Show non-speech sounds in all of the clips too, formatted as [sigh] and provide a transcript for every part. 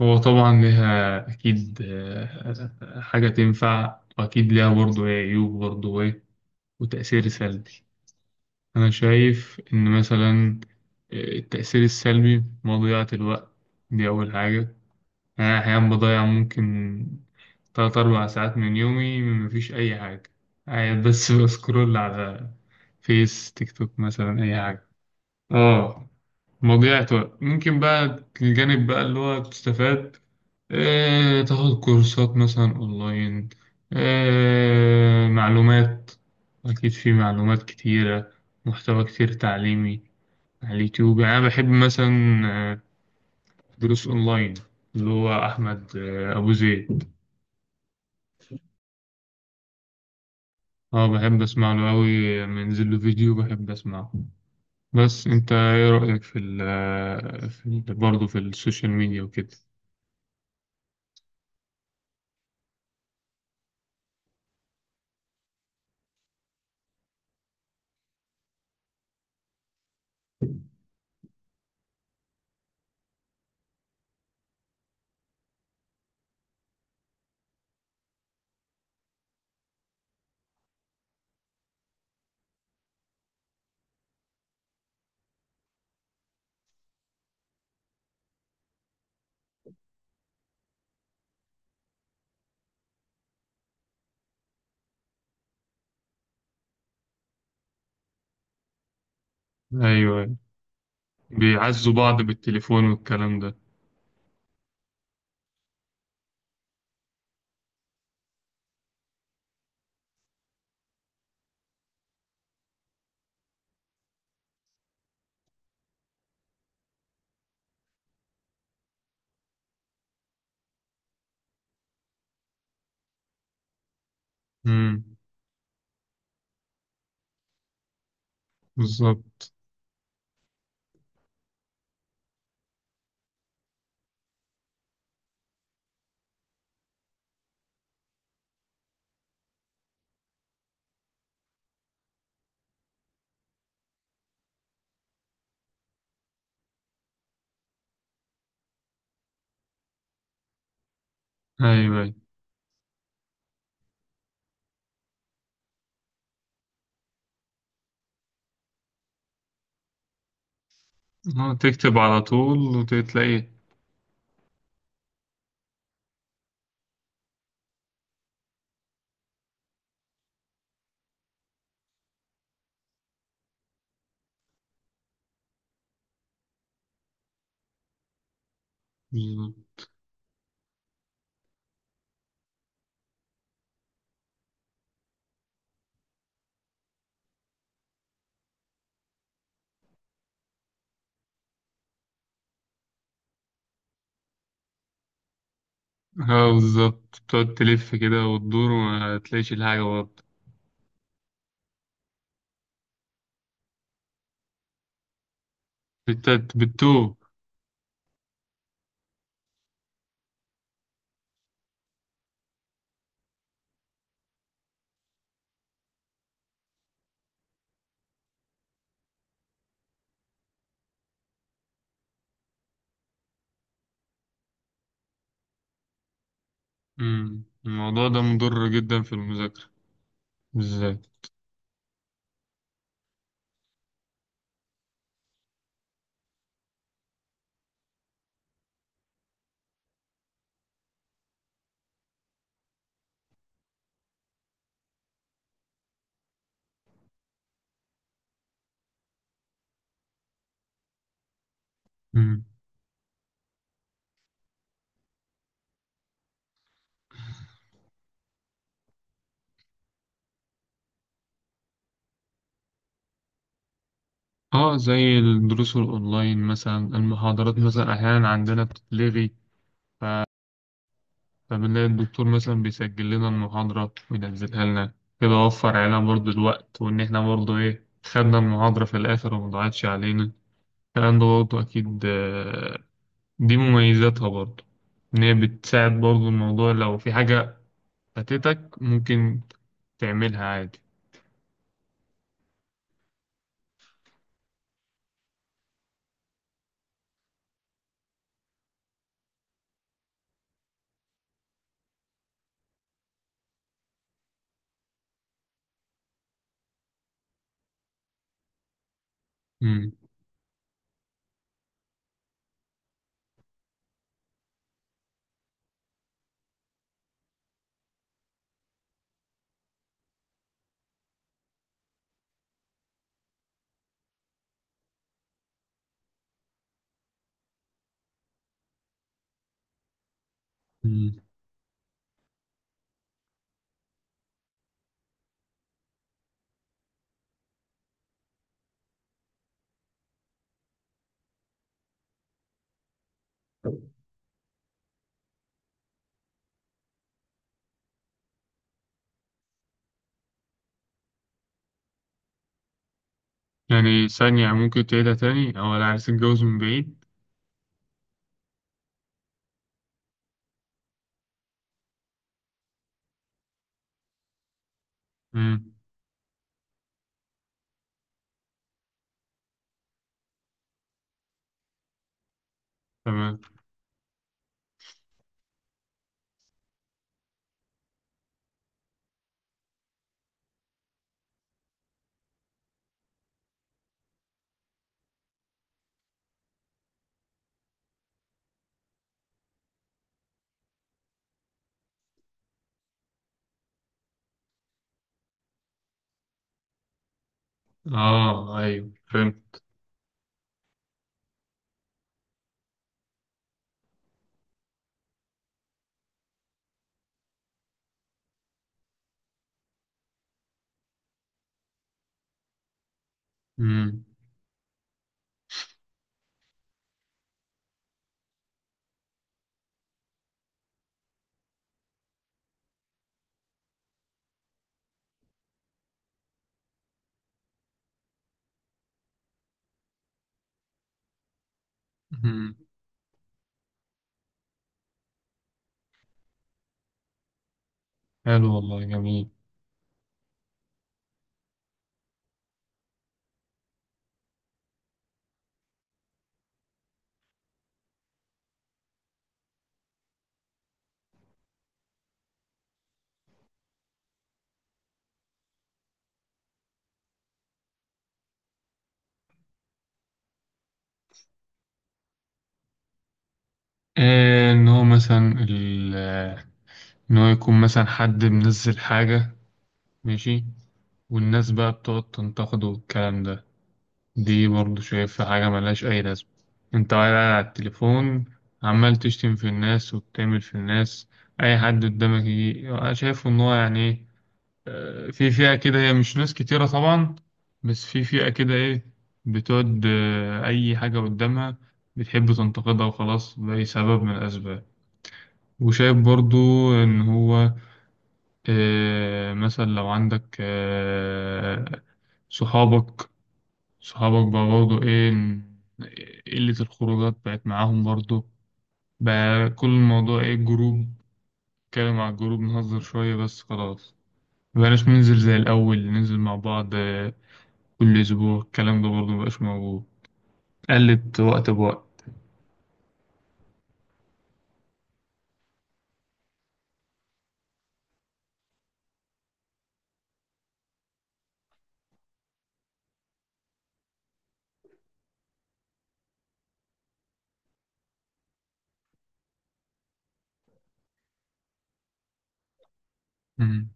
هو طبعا ليها أكيد حاجة تنفع، وأكيد ليها برضه إيه عيوب، برضه إيه وتأثير سلبي. أنا شايف إن مثلا التأثير السلبي مضيعة الوقت. دي أول حاجة. أنا أحيانا بضيع ممكن تلات أربع ساعات من يومي مفيش أي حاجة، قاعد بس [laughs] بسكرول على فيس، تيك توك، مثلا أي حاجة. آه موجات بقى. ممكن بقى الجانب بقى اللي هو تستفاد، تاخد كورسات مثلا أونلاين، معلومات. أكيد في معلومات كتيرة، محتوى كتير تعليمي على اليوتيوب. يعني أنا بحب مثلا آه، دروس أونلاين، اللي هو أحمد أبو زيد. أه، بحب أسمع له أوي، منزل له فيديو بحب أسمعه. بس أنت إيه رأيك في ال آه، في ال- برضه في السوشيال ميديا وكده؟ أيوه، بيعزوا بعض بالتليفون والكلام ده. امم. بالظبط. ايوه ايوه، تكتب على طول وتلاقي. بالظبط. اه بالظبط، بتقعد تلف كده وتدور وما تلاقيش الحاجة برضه. بتتوه. امم، الموضوع ده مضر جدا في المذاكرة بالذات. امم، اه، زي الدروس الأونلاين مثلا، المحاضرات مثلا أحيانا عندنا بتتلغي، فبنلاقي الدكتور مثلا بيسجل لنا المحاضرة وينزلها لنا كده. وفر علينا برضه الوقت، وإن إحنا برضه إيه خدنا المحاضرة في الآخر ومضيعتش علينا الكلام ده برضه. أكيد دي مميزاتها برضه، إن هي بتساعد برضه. الموضوع لو في حاجة فاتتك ممكن تعملها عادي. مم. مم. يعني ثانية ممكن تعيدها تاني؟ أو لا، عايز تتجوز من بعيد؟ مم. تمام. آه أيوه فهمت. مم. مم. حلو، والله جميل. آه، ان هو مثلا ال... آه، ان هو يكون مثلا حد منزل حاجة ماشي، والناس بقى بتقعد تنتقده والكلام ده. دي برضه شايفها حاجة ملهاش أي لازمة. انت قاعد على التليفون عمال تشتم في الناس وبتعمل في الناس. أي حد قدامك يجي، أنا شايفه إن هو يعني إيه، في فئة كده، هي مش ناس كتيرة طبعا، بس في فئة كده إيه، بتقعد أي حاجة قدامها بتحب تنتقدها وخلاص، لأي سبب من الأسباب. وشايف برضو إن هو مثلا لو عندك صحابك صحابك بقى برضو إيه، قلة الخروجات بقت معاهم برضو. بقى كل الموضوع إيه، جروب، نتكلم على الجروب نهزر شوية بس خلاص. مبقناش ننزل زي الأول، ننزل مع بعض كل أسبوع، الكلام ده برضو مبقاش موجود. قلت وقت بوقت. مم.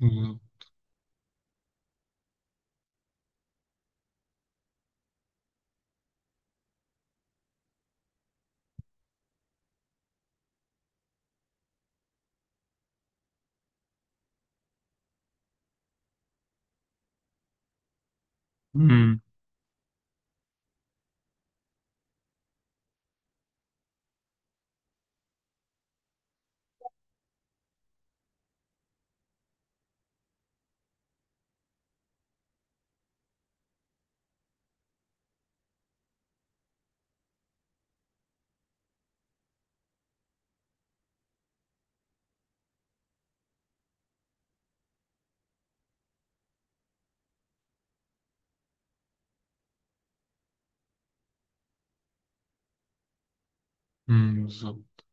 بالظبط. مم. مم. بالظبط.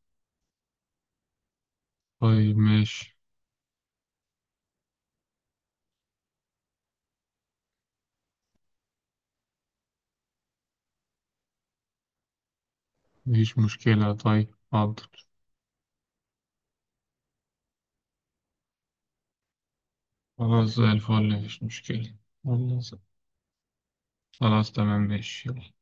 طيب ماشي. مفيش مشكلة، طيب حاضر. خلاص زي الفل، مفيش مشكلة. والله. خلاص تمام، ماشي، يلا.